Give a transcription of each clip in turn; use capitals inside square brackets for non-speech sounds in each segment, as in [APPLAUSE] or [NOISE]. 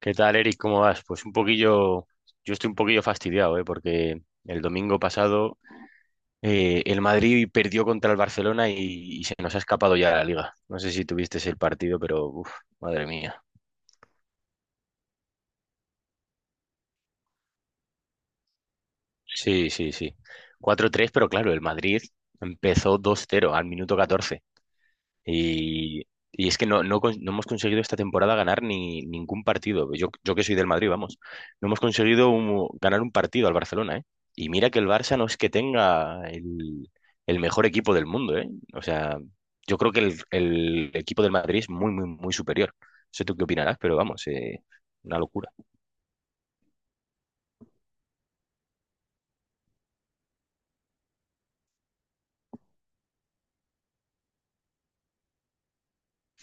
¿Qué tal, Eric? ¿Cómo vas? Pues un poquillo, yo estoy un poquillo fastidiado, ¿eh? Porque el domingo pasado el Madrid perdió contra el Barcelona y se nos ha escapado ya la liga. No sé si tuviste el partido, pero uf, madre mía. Sí, sí, sí. Cuatro tres, pero claro, el Madrid empezó dos cero al minuto 14. Y es que no hemos conseguido esta temporada ganar ni ningún partido. Yo que soy del Madrid, vamos. No hemos conseguido ganar un partido al Barcelona, ¿eh? Y mira que el Barça no es que tenga el mejor equipo del mundo, ¿eh? O sea, yo creo que el equipo del Madrid es muy, muy, muy superior. No sé tú qué opinarás, pero vamos, una locura.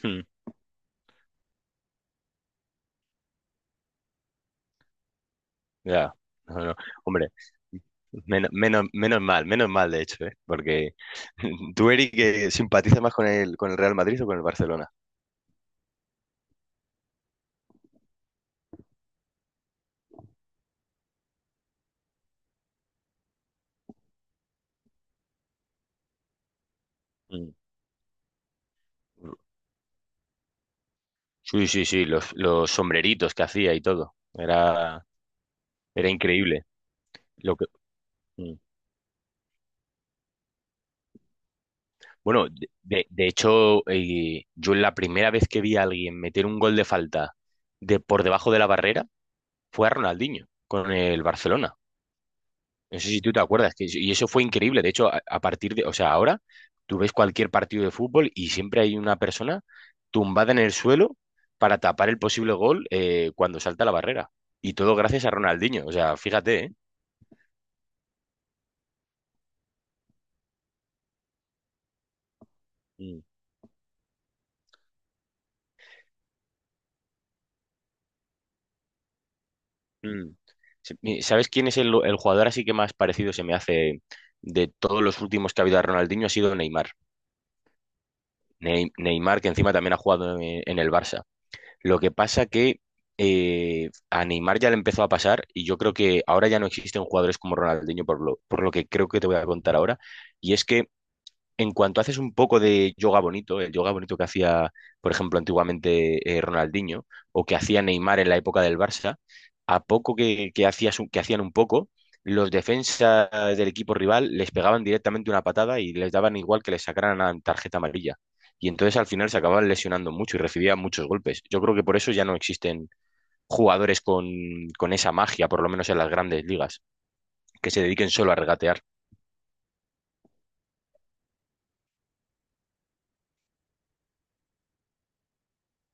[LAUGHS] Ya, no, no, hombre, menos mal de hecho, ¿eh? Porque [LAUGHS] tú, Eric, que simpatizas más con con el Real Madrid o con el Barcelona. Mm. Sí, sí, sí, los sombreritos que hacía y todo. Era, era increíble. Lo que, mm. bueno, de hecho, yo la primera vez que vi a alguien meter un gol de falta de por debajo de la barrera fue a Ronaldinho con el Barcelona. No sé si tú te acuerdas, que, y eso fue increíble. De hecho, a partir de, o sea, ahora tú ves cualquier partido de fútbol y siempre hay una persona tumbada en el suelo para tapar el posible gol cuando salta la barrera. Y todo gracias a Ronaldinho. O sea, fíjate, ¿eh? Mm. Mm. ¿Sabes quién es el jugador así que más parecido se me hace de todos los últimos que ha habido a Ronaldinho? Ha sido Neymar. Neymar, que encima también ha jugado en el Barça. Lo que pasa que a Neymar ya le empezó a pasar y yo creo que ahora ya no existen jugadores como Ronaldinho por lo que creo que te voy a contar ahora. Y es que en cuanto haces un poco de yoga bonito, el yoga bonito que hacía, por ejemplo, antiguamente Ronaldinho o que hacía Neymar en la época del Barça, a poco que que hacían un poco, los defensas del equipo rival les pegaban directamente una patada y les daban igual que les sacaran una tarjeta amarilla. Y entonces al final se acababan lesionando mucho y recibían muchos golpes. Yo creo que por eso ya no existen jugadores con esa magia, por lo menos en las grandes ligas, que se dediquen solo a regatear.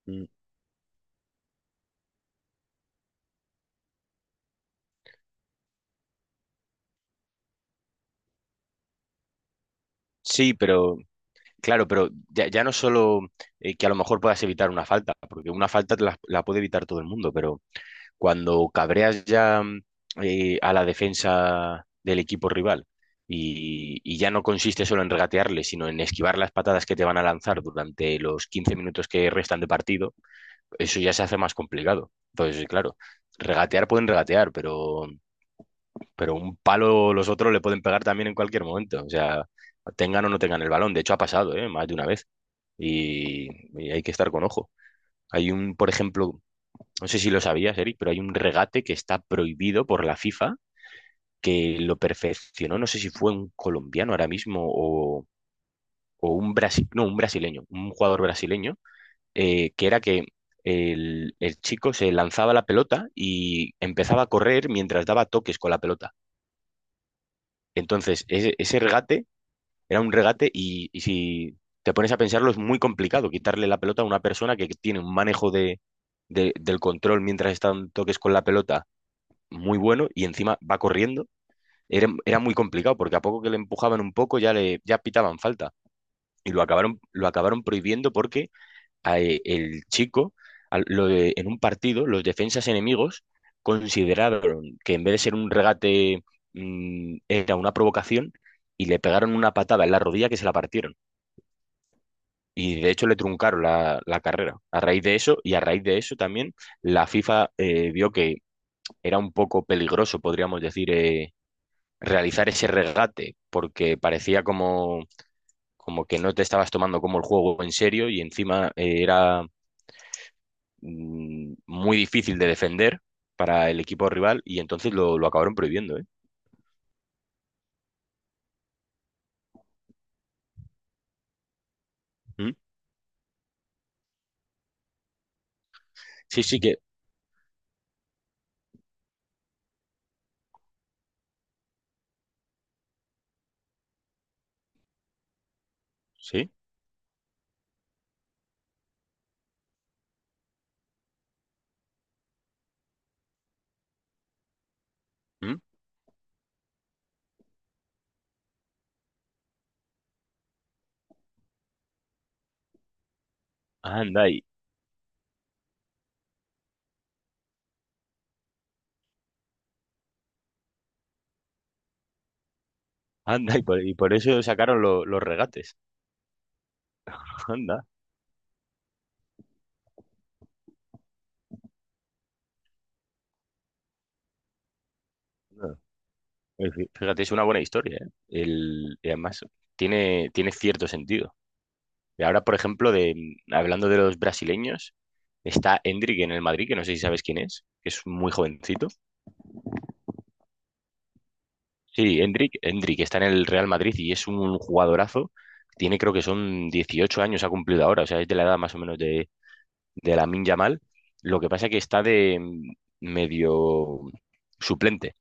Mm. Sí, pero claro, pero ya no solo que a lo mejor puedas evitar una falta, porque una falta la puede evitar todo el mundo, pero cuando cabreas ya a la defensa del equipo rival y ya no consiste solo en regatearle, sino en esquivar las patadas que te van a lanzar durante los 15 minutos que restan de partido, eso ya se hace más complicado. Entonces, claro, regatear pueden regatear, pero un palo los otros le pueden pegar también en cualquier momento, o sea, tengan o no tengan el balón. De hecho, ha pasado, ¿eh? Más de una vez y, y hay que estar con ojo. Por ejemplo, no sé si lo sabías, Eric, pero hay un regate que está prohibido por la FIFA, que lo perfeccionó, no sé si fue un colombiano ahora mismo o, no, un brasileño, un jugador brasileño, que era que el chico se lanzaba la pelota y empezaba a correr mientras daba toques con la pelota. Entonces, ese regate era un regate y si te pones a pensarlo es muy complicado quitarle la pelota a una persona que tiene un manejo del control mientras está en toques con la pelota muy bueno y encima va corriendo. Era, era muy complicado porque a poco que le empujaban un poco ya le ya pitaban falta y lo acabaron prohibiendo porque el chico en un partido los defensas enemigos consideraron que en vez de ser un regate era una provocación y le pegaron una patada en la rodilla que se la partieron. Y de hecho le truncaron la carrera a raíz de eso y a raíz de eso también la FIFA vio que era un poco peligroso, podríamos decir, realizar ese regate porque parecía como, como que no te estabas tomando como el juego en serio y encima era muy difícil de defender para el equipo rival y entonces lo acabaron prohibiendo, ¿eh? ¿Mm? Sí, sí que... Sí. ¿Mm? Anda y, anda y por eso sacaron los regates. [LAUGHS] Anda. Fíjate, es una buena historia, ¿eh? El, y además tiene, tiene cierto sentido. Y ahora, por ejemplo, de, hablando de los brasileños, está Endrick en el Madrid, que no sé si sabes quién es, que es muy jovencito. Sí, Endrick, Endrick está en el Real Madrid y es un jugadorazo. Tiene, creo que son 18 años, ha cumplido ahora, o sea, es de la edad más o menos de Lamine Yamal. Lo que pasa que está de medio suplente.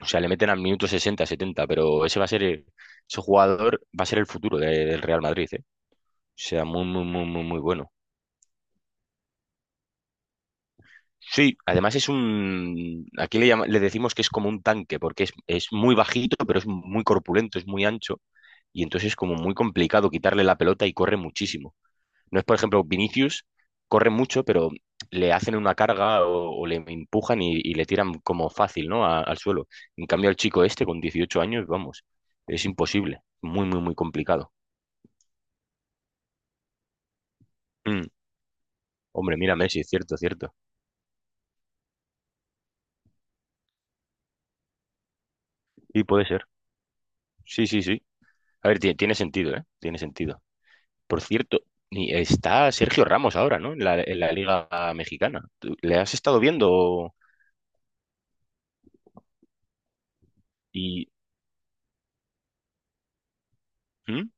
O sea, le meten al minuto 60, 70, pero ese va a ser, ese jugador va a ser el futuro del Real Madrid, ¿eh? O sea, muy, muy, muy, muy, muy bueno. Sí, además es un, aquí le, le decimos que es como un tanque, porque es muy bajito, pero es muy corpulento, es muy ancho, y entonces es como muy complicado quitarle la pelota y corre muchísimo. No es, por ejemplo, Vinicius corre mucho, pero le hacen una carga o le empujan y le tiran como fácil, ¿no? Al suelo. En cambio, el chico este, con 18 años, vamos, es imposible. Muy, muy, muy complicado. Mm, hombre, mira Messi, es cierto, cierto. Y puede ser. Sí, sí, sí. A ver, tiene, tiene sentido, ¿eh? Tiene sentido. Por cierto, y está Sergio Ramos ahora, ¿no? En la Liga Mexicana. ¿Tú le has estado viendo? ¿Y ¿Mm?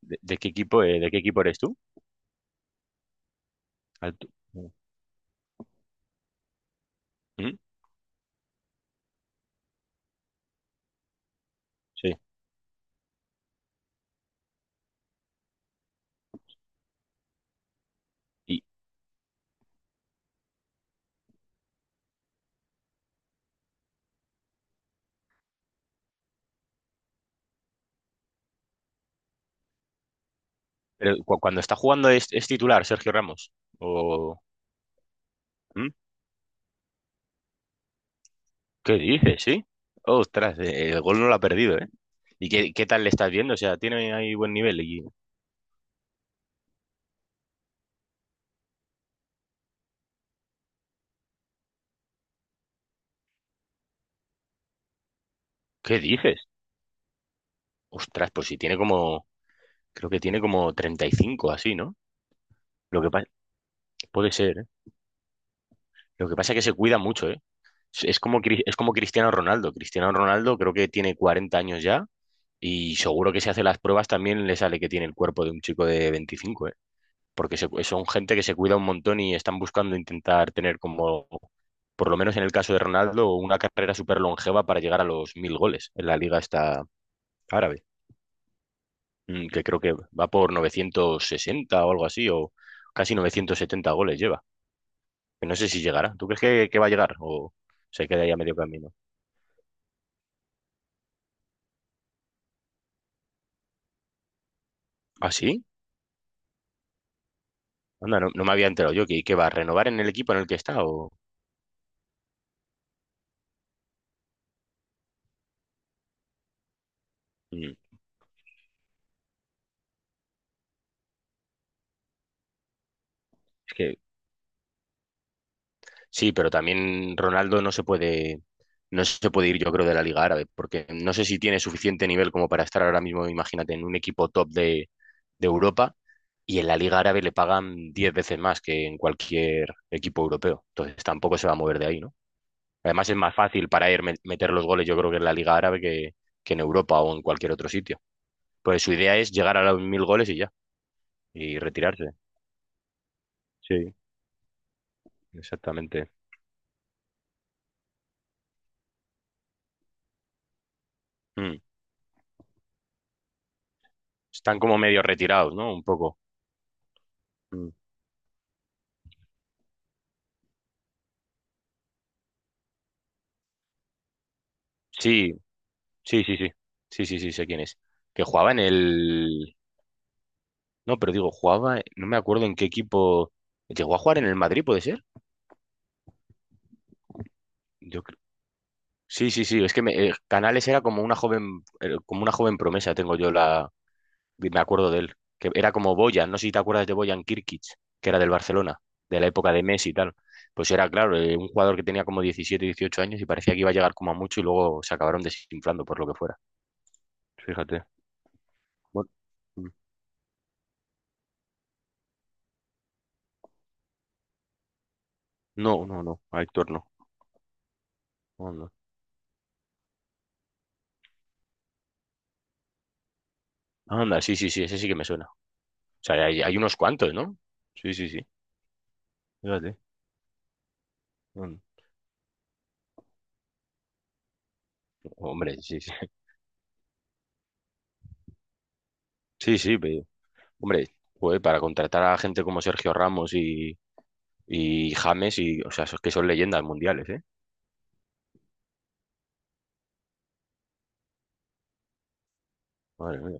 De, de qué equipo eres tú? Al- ¿Mm? Mm, sí. Y, pero cuando está jugando es titular Sergio Ramos. O, ¿Mm? ¿Qué dices, sí? Ostras, el gol no lo ha perdido, ¿eh? ¿Y qué, qué tal le estás viendo? O sea, tiene ahí buen nivel. ¿Y qué dices? Ostras, pues si tiene como, creo que tiene como 35 así, ¿no? Lo que pasa, puede ser, ¿eh? Lo que pasa es que se cuida mucho, ¿eh? Es como Cristiano Ronaldo. Cristiano Ronaldo creo que tiene 40 años ya y seguro que si hace las pruebas también le sale que tiene el cuerpo de un chico de 25, ¿eh? Porque son gente que se cuida un montón y están buscando intentar tener como, por lo menos en el caso de Ronaldo, una carrera súper longeva para llegar a los 1000 goles en la liga esta árabe, que creo que va por 960 o algo así, o casi 970 goles lleva. Que no sé si llegará. ¿Tú crees que va a llegar o se queda ya medio camino? ¿Ah, sí? Anda, no, no me había enterado yo. Que va a renovar en el equipo en el que está? O... Mm, es que sí, pero también Ronaldo no se puede, no se puede ir, yo creo, de la Liga Árabe, porque no sé si tiene suficiente nivel como para estar ahora mismo, imagínate, en un equipo top de Europa y en la Liga Árabe le pagan 10 veces más que en cualquier equipo europeo. Entonces tampoco se va a mover de ahí, ¿no? Además es más fácil para él meter los goles, yo creo que en la Liga Árabe que en Europa o en cualquier otro sitio. Pues su idea es llegar a los mil goles y ya, y retirarse. Sí, exactamente. Mm. Están como medio retirados, ¿no? Un poco. Mm. Sí, sí, sí, sí. Sí, sí, sí, sé quién es. Que jugaba en el... No, pero digo, jugaba... No me acuerdo en qué equipo... ¿Llegó a jugar en el Madrid, puede ser? Yo creo... Sí, sí, sí. Es que Canales era como una como una joven promesa, tengo yo la... Me acuerdo de él. Que era como Boyan. No sé si te acuerdas de Boyan Kirkic, que era del Barcelona, de la época de Messi y tal. Pues era, claro, un jugador que tenía como 17 18 años y parecía que iba a llegar como a mucho y luego se acabaron desinflando por lo que fuera. Fíjate. Bueno, mm, no, no, no. A Héctor no. No, no. Anda, sí, sí, sí, ese sí que me suena. O sea, hay unos cuantos, ¿no? Sí, sí, sí. Fíjate. Mm, hombre, sí, sí. [LAUGHS] Sí, sí, pero, hombre, joder, para contratar a gente como Sergio Ramos y James, y, o sea, esos que son leyendas mundiales, ¿eh? Madre mía.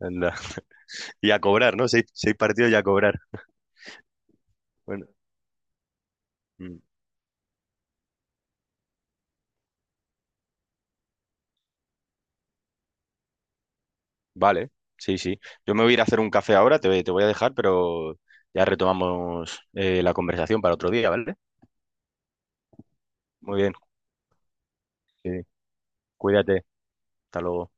Anda. [LAUGHS] Y a cobrar, ¿no? Seis, seis partidos y a cobrar. Bueno, mm, vale, sí, sí. Yo me voy a ir a hacer un café ahora, te voy a dejar, pero ya retomamos la conversación para otro día, ¿vale? Muy bien, sí. Cuídate. Hasta luego.